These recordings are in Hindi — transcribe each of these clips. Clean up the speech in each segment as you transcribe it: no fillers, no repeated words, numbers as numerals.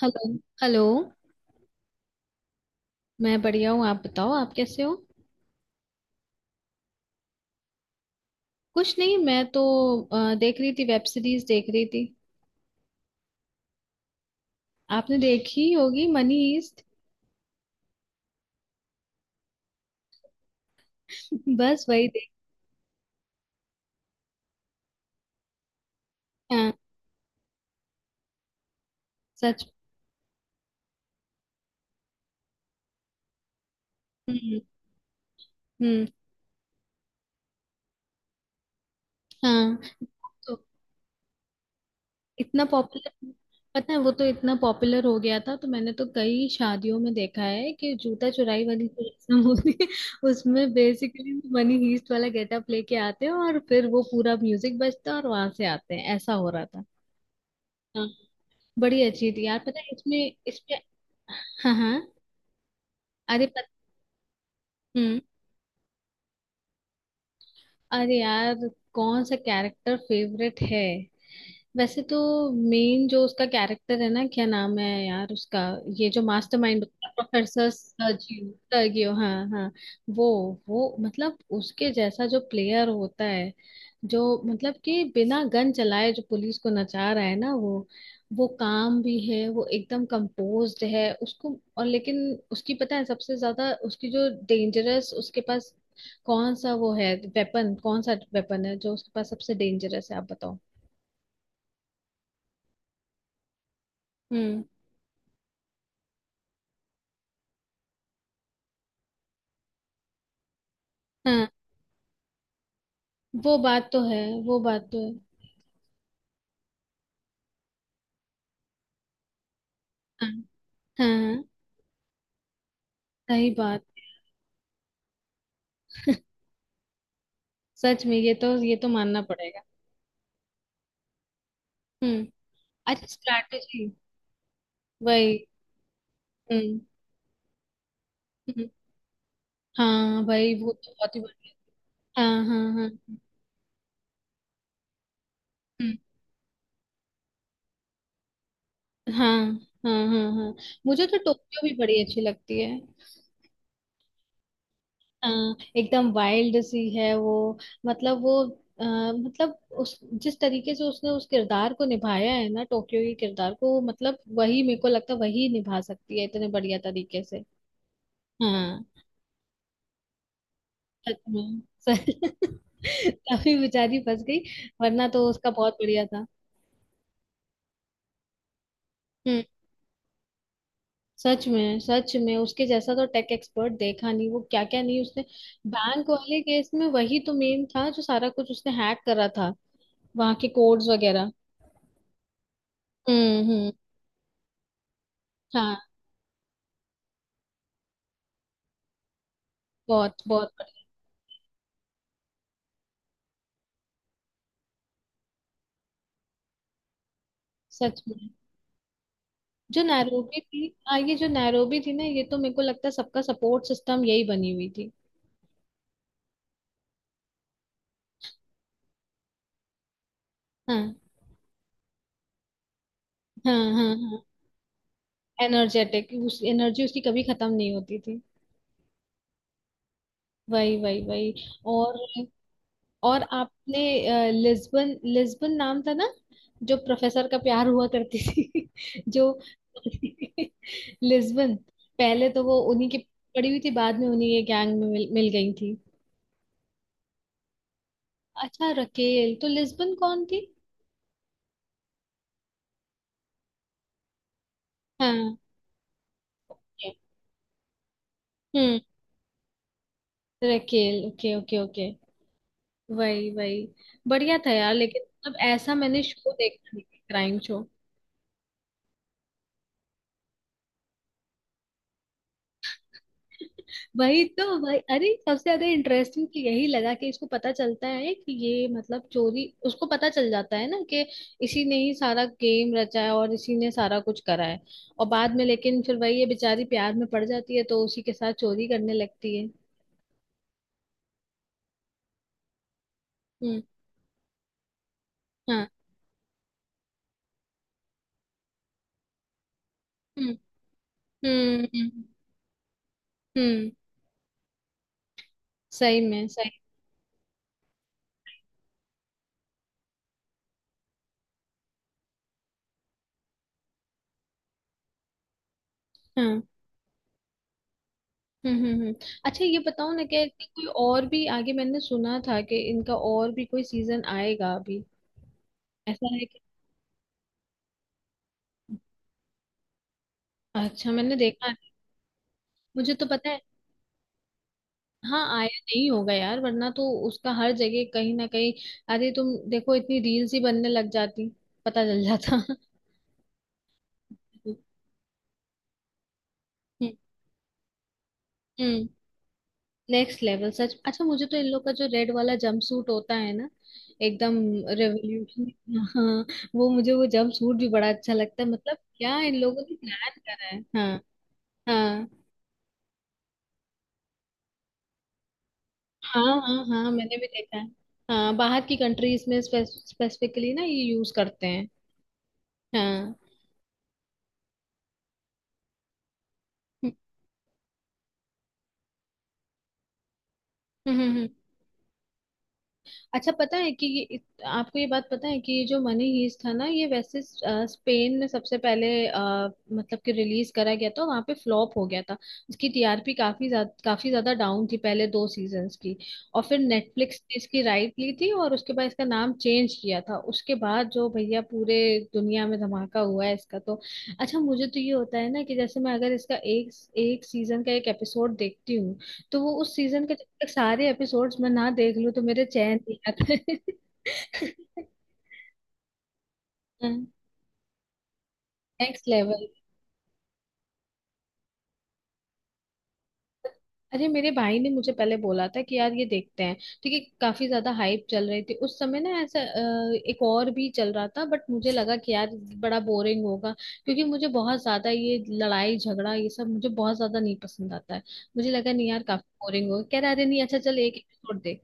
हेलो। हेलो। मैं बढ़िया हूँ, आप बताओ, आप कैसे हो? कुछ नहीं, मैं तो देख रही थी, वेब सीरीज देख रही थी। आपने देखी होगी मनी हीस्ट। बस वही देख। हाँ। सच। हम्म। हम्म। हाँ, तो इतना पॉपुलर। पता है, वो तो इतना पॉपुलर हो गया था तो मैंने तो कई शादियों में देखा है कि जूता चुराई वाली जो रस्म होती है उसमें बेसिकली मनी हीस्ट वाला गेटअप लेके आते हैं और फिर वो पूरा म्यूजिक बजता है और वहां से आते हैं, ऐसा हो रहा था। हाँ। बड़ी अच्छी थी यार, पता है इसमें इसमें। हाँ हाँ। अरे, हम्म। अरे यार, कौन सा कैरेक्टर फेवरेट है? वैसे तो मेन जो उसका कैरेक्टर है ना, क्या नाम है यार उसका, ये जो मास्टरमाइंड प्रोफेसर सर्जियो, सर्जियो। हाँ हाँ। वो वो मतलब उसके जैसा जो प्लेयर होता है, जो मतलब कि बिना गन चलाए जो पुलिस को नचा रहा है ना वो काम भी है, वो एकदम कंपोज्ड है उसको। और लेकिन उसकी पता है सबसे ज्यादा उसकी जो डेंजरस उसके पास, कौन सा वो है वेपन, कौन सा वेपन है जो उसके पास सबसे डेंजरस है आप बताओ? हम्म। हाँ। वो बात तो है, वो बात तो है। हाँ हाँ हाँ। सही बात। सच में ये तो, ये तो मानना पड़ेगा। हम्म। अच्छा स्ट्रैटेजी। वही। हम्म हम्म, हाँ भाई वो तो बहुत ही बढ़िया। हाँ हाँ हाँ। हम्म, हाँ हाँ हाँ हाँ हाँ। मुझे तो टोक्यो भी बड़ी अच्छी लगती है। अ, एकदम वाइल्ड सी है वो, मतलब वो। मतलब उस, जिस तरीके से उसने उस किरदार को निभाया है ना, टोक्यो के किरदार को, मतलब वही मेरे को लगता है, वही निभा सकती है इतने बढ़िया तरीके से। हाँ। सच में। सच- तभी बेचारी फंस गई, वरना तो उसका बहुत बढ़िया था। हम्म। सच में उसके जैसा तो टेक एक्सपर्ट देखा नहीं, वो क्या क्या नहीं उसने। बैंक वाले केस में वही तो मेन था, जो सारा कुछ उसने हैक करा था, वहां के कोड्स वगैरह। हम्म। हाँ। बहुत बहुत बढ़िया। सच में। जो नैरोबी थी, हाँ, ये जो नैरोबी थी ना ये तो मेरे को लगता है सबका सपोर्ट सिस्टम यही बनी हुई थी। हाँ हाँ हाँ हाँ। एनर्जेटिक, उस एनर्जी उसकी कभी खत्म नहीं होती थी। वही वही वही। और और आपने लिस्बन, लिस्बन नाम था ना, जो प्रोफेसर का प्यार हुआ करती थी। जो लिस्बन, पहले तो वो उन्हीं की पड़ी हुई थी, बाद में उन्हीं के गैंग में मिल गई थी। अच्छा रकेल, तो लिस्बन कौन थी? हाँ। हम्म। Raquel, okay okay okay. वही वही। बढ़िया था यार, लेकिन मतलब ऐसा मैंने शो देखा नहीं, क्राइम शो। वही तो, वही, अरे सबसे ज्यादा इंटरेस्टिंग तो यही लगा कि इसको पता चलता है कि ये मतलब चोरी, उसको पता चल जाता है ना कि इसी ने ही सारा गेम रचा है और इसी ने सारा कुछ करा है। और बाद में लेकिन फिर वही ये बेचारी प्यार में पड़ जाती है तो उसी के साथ चोरी करने लगती है। हम्म। हाँ। हम्म हम्म हम्म हम्म, सही में सही। हाँ। हम्म हम्म हम्म। अच्छा, ये बताओ ना, क्या इसका कोई और भी, आगे मैंने सुना था कि इनका और भी कोई सीजन आएगा अभी? ऐसा है कि अच्छा मैंने देखा है। मुझे तो पता है। हाँ, आया नहीं होगा यार, वरना तो उसका हर जगह कहीं ना कहीं, अरे तुम देखो, इतनी रील्स ही बनने लग जाती, पता चल जाता। हम्म। नेक्स्ट लेवल सच। अच्छा, मुझे तो इन लोग का जो रेड वाला जंप सूट होता है ना, एकदम रेवोल्यूशन, हाँ, वो मुझे वो जंप सूट भी बड़ा अच्छा लगता है, मतलब क्या इन लोगों ने प्लान करा है। हाँ हाँ। हाँ हाँ हाँ, मैंने भी देखा है। हाँ, बाहर की कंट्रीज में स्पेसिफिकली ना ये यूज करते हैं। हाँ। हम्म हम्म हम्म, हम्म। अच्छा पता है कि आपको ये बात पता है कि ये जो मनी हीस्ट था ना, ये वैसे स्पेन में सबसे पहले मतलब कि रिलीज करा गया था, वहां पे फ्लॉप हो गया था। इसकी टीआरपी काफी ज्यादा, काफी ज्यादा डाउन थी पहले दो सीजन्स की, और फिर नेटफ्लिक्स ने इसकी राइट ली थी और उसके बाद इसका नाम चेंज किया था, उसके बाद जो भैया पूरे दुनिया में धमाका हुआ है इसका तो। अच्छा मुझे तो ये होता है ना कि जैसे मैं अगर इसका एक, एक सीजन का एक एपिसोड देखती हूँ, तो वो उस सीजन के जब तक सारे एपिसोड्स मैं ना देख लूं तो मेरे चैन नहीं आता। Next level. अरे मेरे भाई ने मुझे पहले बोला था कि यार ये देखते हैं, ठीक है, काफी ज्यादा हाइप चल रही थी उस समय ना, ऐसा एक और भी चल रहा था, बट मुझे लगा कि यार बड़ा बोरिंग होगा, क्योंकि मुझे बहुत ज्यादा ये लड़ाई झगड़ा ये सब मुझे बहुत ज्यादा नहीं पसंद आता है। मुझे लगा नहीं यार काफी बोरिंग होगा, कह रहा अरे नहीं अच्छा चल एक एपिसोड देख।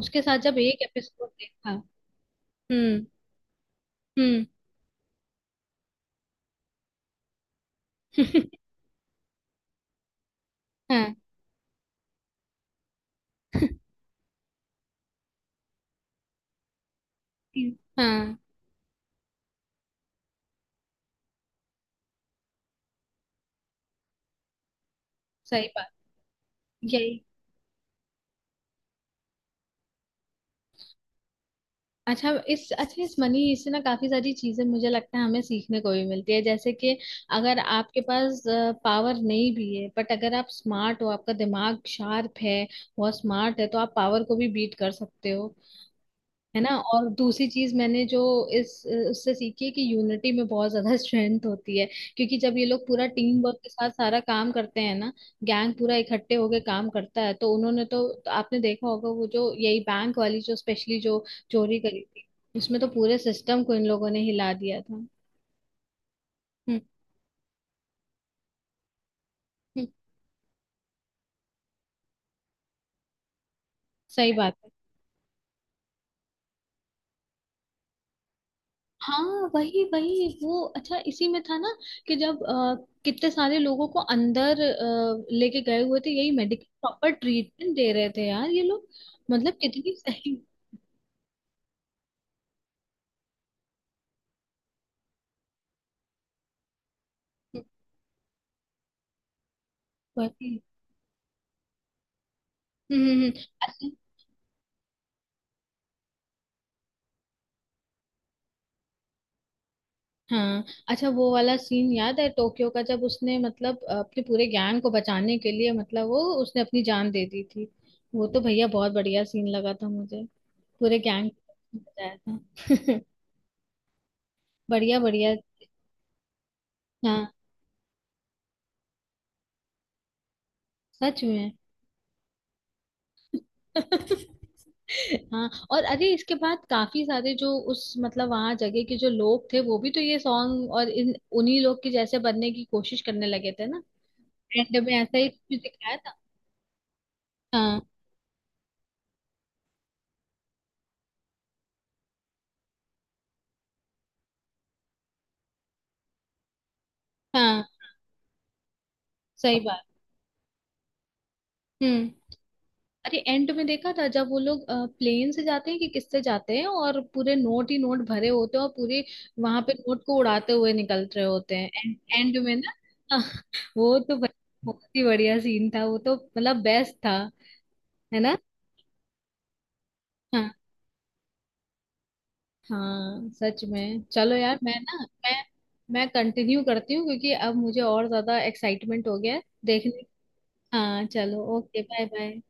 उसके साथ जब एक एपिसोड देखा। हम्म हम्म। हाँ। कि- हाँ, सही बात, यही। अच्छा इस, अच्छा इस मनी इससे ना काफी सारी चीजें मुझे लगता है हमें सीखने को भी मिलती है, जैसे कि अगर आपके पास पावर नहीं भी है, बट अगर आप स्मार्ट हो आपका दिमाग शार्प है, बहुत स्मार्ट है तो आप पावर को भी बीट कर सकते हो। है ना? और दूसरी चीज मैंने जो इस उससे सीखी है कि यूनिटी में बहुत ज्यादा स्ट्रेंथ होती है, क्योंकि जब ये लोग पूरा टीम वर्क के साथ सारा काम करते हैं ना, गैंग पूरा इकट्ठे होके काम करता है, तो उन्होंने तो आपने देखा होगा वो जो यही बैंक वाली जो स्पेशली जो चोरी करी थी, उसमें तो पूरे सिस्टम को इन लोगों ने हिला दिया था। हम्म। हम्म, सही बात। हाँ, वही वही, वो अच्छा इसी में था ना कि जब कितने सारे लोगों को अंदर लेके गए हुए थे यही, मेडिकल प्रॉपर ट्रीटमेंट दे रहे थे यार ये लोग, मतलब कितनी सही। वही। हम्म। अच्छा। हाँ। अच्छा वो वाला सीन याद है टोक्यो का, जब उसने मतलब अपने पूरे गैंग को बचाने के लिए मतलब वो उसने अपनी जान दे दी थी, वो तो भैया बहुत बढ़िया सीन लगा था मुझे, पूरे गैंग को बचाया था। बढ़िया बढ़िया। हाँ। सच में। हाँ, और अरे इसके बाद काफी सारे जो उस मतलब वहां जगह के जो लोग थे वो भी तो ये सॉन्ग और इन उन्हीं लोग के जैसे बनने की कोशिश करने लगे थे ना। एंड में ऐसा ही कुछ दिखाया था। हाँ। हाँ। सही बात। हम्म। अरे एंड में देखा था जब वो लोग प्लेन से जाते हैं कि किससे जाते हैं और पूरे नोट ही नोट भरे होते हैं और पूरे वहां पे नोट को उड़ाते हुए निकल रहे होते हैं एंड, एंड में ना। हाँ, वो तो भाई बहुत ही बढ़िया सीन था वो तो, मतलब बेस्ट था। है ना? हाँ। हाँ सच में, चलो यार, मैं ना मैं मैं कंटिन्यू करती हूँ क्योंकि अब मुझे और ज्यादा एक्साइटमेंट हो गया है देखने। हाँ, चलो, ओके, बाय बाय।